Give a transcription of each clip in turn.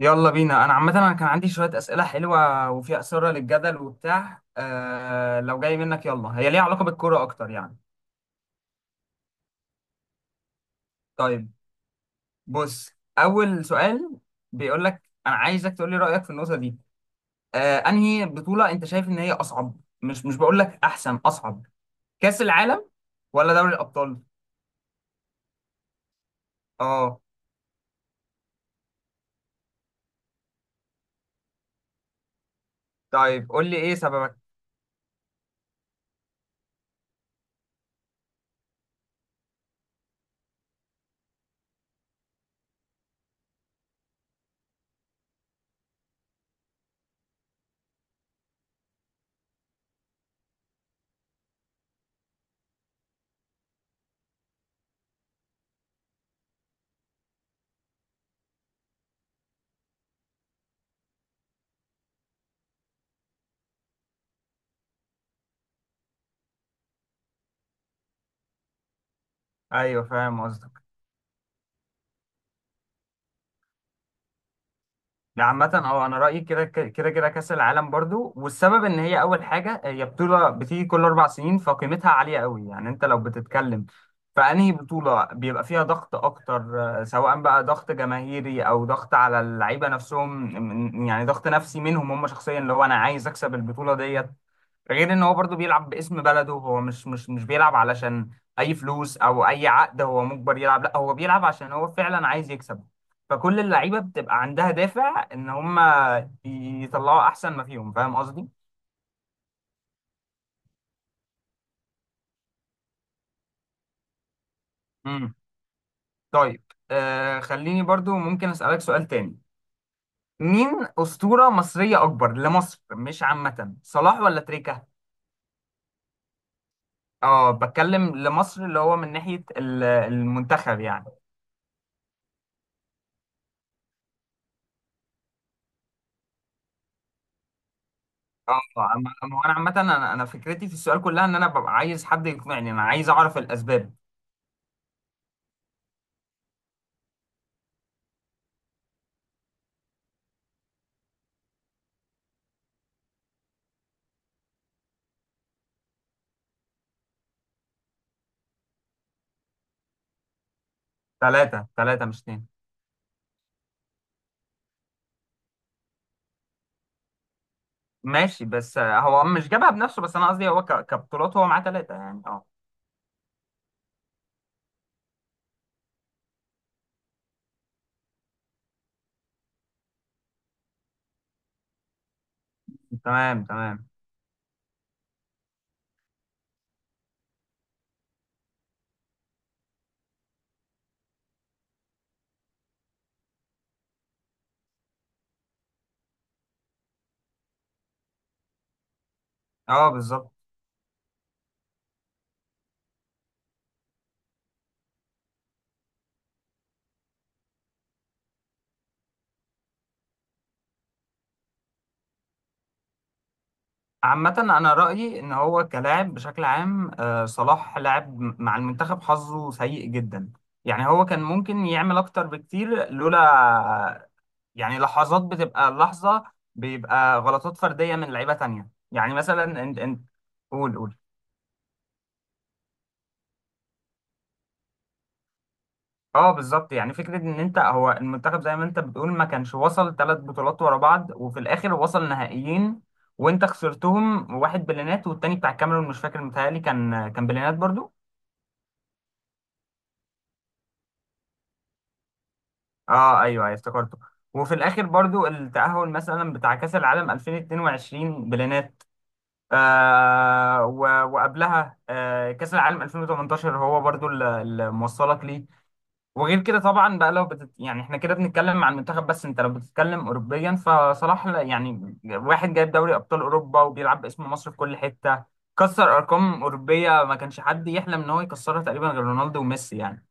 يلا بينا. انا عامه كان عندي شويه اسئله حلوه وفيها اثاره للجدل وبتاع، لو جاي منك. يلا، هي ليها علاقه بالكوره اكتر يعني. طيب. بص. اول سؤال بيقول لك انا عايزك تقول لي رايك في النقطه دي. انهي بطوله انت شايف ان هي اصعب، مش بقول لك احسن، اصعب؟ كاس العالم ولا دوري الابطال؟ اه. طيب قول لي ايه سببك. ايوه، فاهم قصدك. لا عامة اه، انا رأيي كده كده كأس العالم برضو، والسبب ان هي اول حاجة هي بطولة بتيجي كل 4 سنين، فقيمتها عالية قوي يعني. انت لو بتتكلم فأنهي بطولة بيبقى فيها ضغط اكتر؟ سواء بقى ضغط جماهيري او ضغط على اللعيبة نفسهم، يعني ضغط نفسي منهم هم شخصيا، اللي هو انا عايز اكسب البطولة ديت. غير ان هو برضو بيلعب باسم بلده، هو مش بيلعب علشان اي فلوس او اي عقد هو مجبر يلعب، لا هو بيلعب عشان هو فعلا عايز يكسب. فكل اللعيبه بتبقى عندها دافع ان هم يطلعوا احسن ما فيهم، فاهم قصدي. امم طيب، خليني برضو ممكن اسالك سؤال تاني. مين اسطوره مصريه اكبر لمصر مش عامه، صلاح ولا تريكا؟ اه، بتكلم لمصر، اللي هو من ناحيه المنتخب يعني. اه. أما انا عامه، انا فكرتي في السؤال كلها ان انا ببقى عايز حد يقنعني، انا عايز اعرف الاسباب. ثلاثه، ثلاثه مش اتنين. ماشي بس هو مش جابها بنفسه، بس انا قصدي هو كبطولات هو معاه ثلاثه يعني، اه. تمام، تمام. اه، بالظبط. عامه انا رايي ان هو كلاعب بشكل عام، صلاح لاعب مع المنتخب حظه سيء جدا. يعني هو كان ممكن يعمل اكتر بكتير لولا، يعني لحظات بتبقى لحظة بيبقى غلطات فردية من لعيبة تانية، يعني مثلا انت. قول، قول. اه، بالظبط. يعني فكرة ان انت هو المنتخب زي ما انت بتقول ما كانش وصل ثلاث بطولات ورا بعض، وفي الاخر وصل نهائيين وانت خسرتهم، واحد بلينات والتاني بتاع الكاميرون مش فاكر، متهيألي كان بلينات برضو. اه، ايوه، ايوه، افتكرته. وفي الاخر برضو التأهل مثلا بتاع كأس العالم 2022 بلينات، وقبلها، كأس العالم 2018 هو برضو اللي موصلك ليه. وغير كده طبعا بقى لو يعني احنا كده بنتكلم عن المنتخب بس انت لو بتتكلم اوروبيا فصلاح يعني واحد جايب دوري ابطال اوروبا، وبيلعب باسم مصر في كل حتة، كسر ارقام اوروبيه ما كانش حد يحلم ان هو يكسرها تقريبا غير رونالدو وميسي يعني.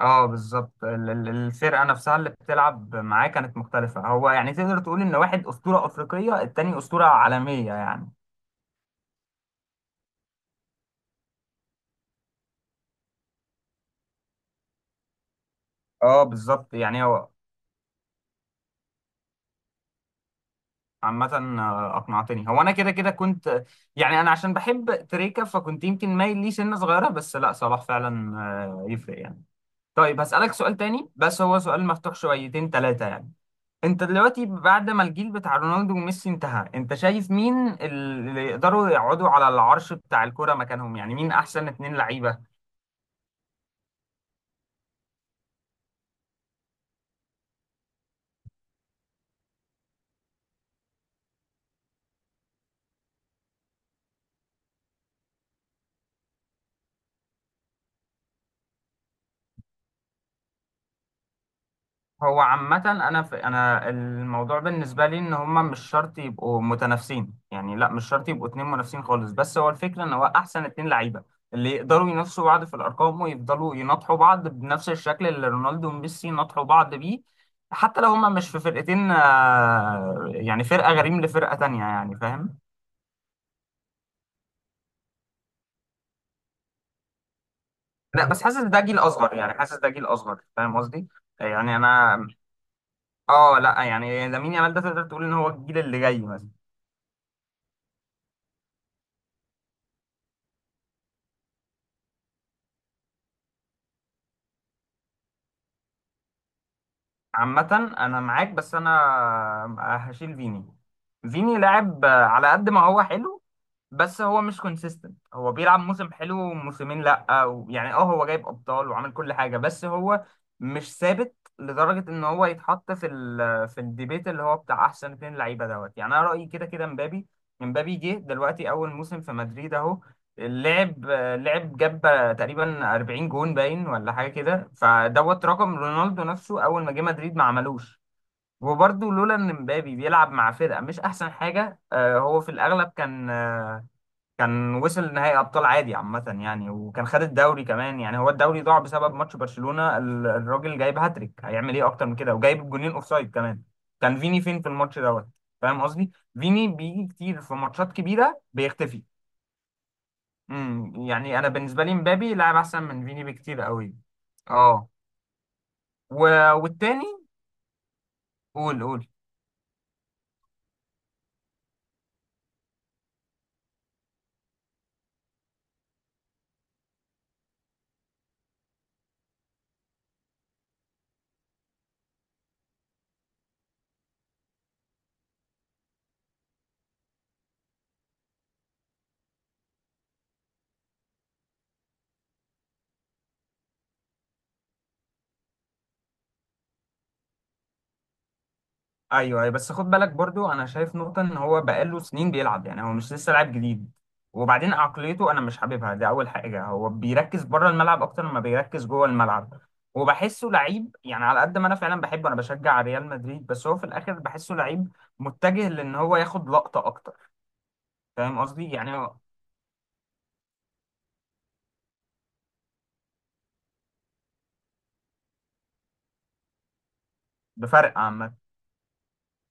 اه، بالظبط. الفرقه نفسها اللي بتلعب معاه كانت مختلفه، هو يعني تقدر تقول ان واحد اسطوره افريقيه التاني اسطوره عالميه يعني. اه، بالظبط. يعني هو عامة، أقنعتني. هو أنا كده كده كنت، يعني أنا عشان بحب تريكة فكنت يمكن مايل ليه سنة صغيرة، بس لا، صلاح فعلا يفرق يعني. طيب، هسألك سؤال تاني بس هو سؤال مفتوح شويتين، تلاتة يعني. أنت دلوقتي بعد ما الجيل بتاع رونالدو وميسي انتهى، أنت شايف مين اللي يقدروا يقعدوا على العرش بتاع الكرة مكانهم؟ يعني مين أحسن اتنين لعيبة؟ هو عامة، أنا الموضوع بالنسبة لي إن هما مش شرط يبقوا متنافسين يعني، لا مش شرط يبقوا اتنين منافسين خالص، بس هو الفكرة إن هو أحسن اتنين لعيبة اللي يقدروا ينافسوا بعض في الأرقام ويفضلوا يناطحوا بعض بنفس الشكل اللي رونالدو وميسي ناطحوا بعض بيه، حتى لو هما مش في فرقتين، يعني فرقة غريم لفرقة تانية يعني، فاهم؟ لا بس حاسس ده جيل أصغر، يعني حاسس ده جيل أصغر، فاهم قصدي؟ يعني أنا، لا يعني لامين يامال ده تقدر تقول إن هو الجيل اللي جاي مثلا. عامة أنا معاك، بس أنا هشيل فيني. فيني لاعب على قد ما هو حلو بس هو مش كونسيستنت، هو بيلعب موسم حلو وموسمين لا، أو يعني اه هو جايب ابطال وعامل كل حاجه بس هو مش ثابت لدرجه ان هو يتحط في الديبيت اللي هو بتاع احسن اتنين لعيبه دوت يعني. انا رايي كده كده مبابي. مبابي جه دلوقتي اول موسم في مدريد اهو، لعب، جاب تقريبا 40 جون باين ولا حاجه كده، فدوت رقم رونالدو نفسه اول ما جه مدريد ما عملوش. وبرضه لولا ان مبابي بيلعب مع فرقه مش احسن حاجه، هو في الاغلب كان وصل نهائي ابطال عادي عامه يعني، وكان خد الدوري كمان يعني. هو الدوري ضاع بسبب ماتش برشلونه، الراجل جايب هاتريك، هيعمل ايه اكتر من كده؟ وجايب جونين اوفسايد كمان. كان فيني فين في الماتش دوت؟ فاهم قصدي. فيني بيجي كتير في ماتشات كبيره بيختفي. يعني انا بالنسبه لي مبابي لاعب احسن من فيني بكتير قوي، اه. و... والتاني. قول، قول. ايوه، أيوة، بس خد بالك برضو انا شايف نقطه ان هو بقاله سنين بيلعب يعني هو مش لسه لاعب جديد. وبعدين عقليته انا مش حاببها، دي اول حاجه، هو بيركز بره الملعب اكتر ما بيركز جوه الملعب، وبحسه لعيب يعني على قد ما انا فعلا بحبه، انا بشجع ريال مدريد، بس هو في الاخر بحسه لعيب متجه لان هو ياخد لقطه اكتر. فاهم قصدي؟ يعني هو بفرق عامه.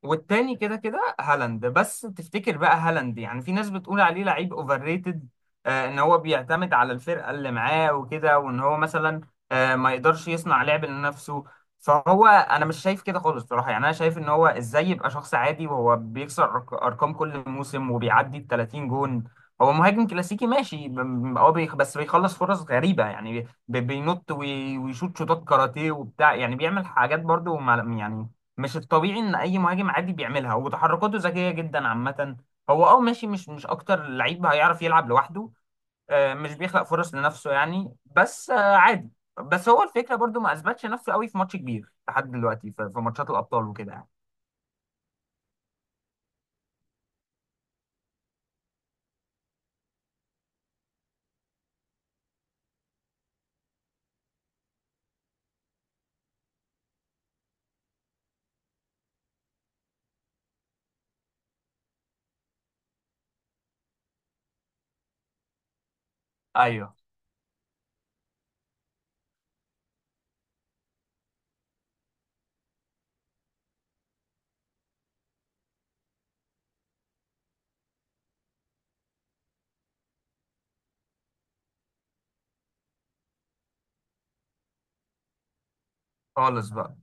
والتاني كده كده هالاند، بس تفتكر بقى هالاند يعني في ناس بتقول عليه لعيب اوفر ريتد، ان هو بيعتمد على الفرقه اللي معاه وكده، وان هو مثلا ما يقدرش يصنع لعب لنفسه؟ فهو انا مش شايف كده خالص بصراحه يعني، انا شايف ان هو ازاي يبقى شخص عادي وهو بيكسر ارقام كل موسم وبيعدي ال 30 جون. هو مهاجم كلاسيكي ماشي، هو بس بيخلص فرص غريبه يعني، بينط ويشوط شوطات كاراتيه وبتاع يعني، بيعمل حاجات برضو يعني مش الطبيعي ان اي مهاجم عادي بيعملها، وتحركاته ذكيه جدا عامه. هو اه ماشي، مش اكتر لعيب هيعرف يلعب لوحده، مش بيخلق فرص لنفسه يعني، بس عادي. بس هو الفكره برضو ما اثبتش نفسه قوي في ماتش كبير لحد دلوقتي، في ماتشات الابطال وكده يعني. ايوه، خالص بقى.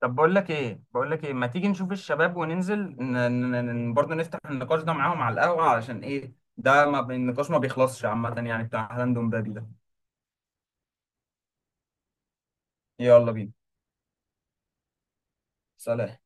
طب بقول لك ايه، بقول لك ايه، ما تيجي نشوف الشباب وننزل برضه نفتح النقاش ده معاهم على القهوه، علشان ايه ده، ما النقاش ما بيخلصش عامه يعني، بتاع هالاند ومبابي ده. يلا بينا. سلام.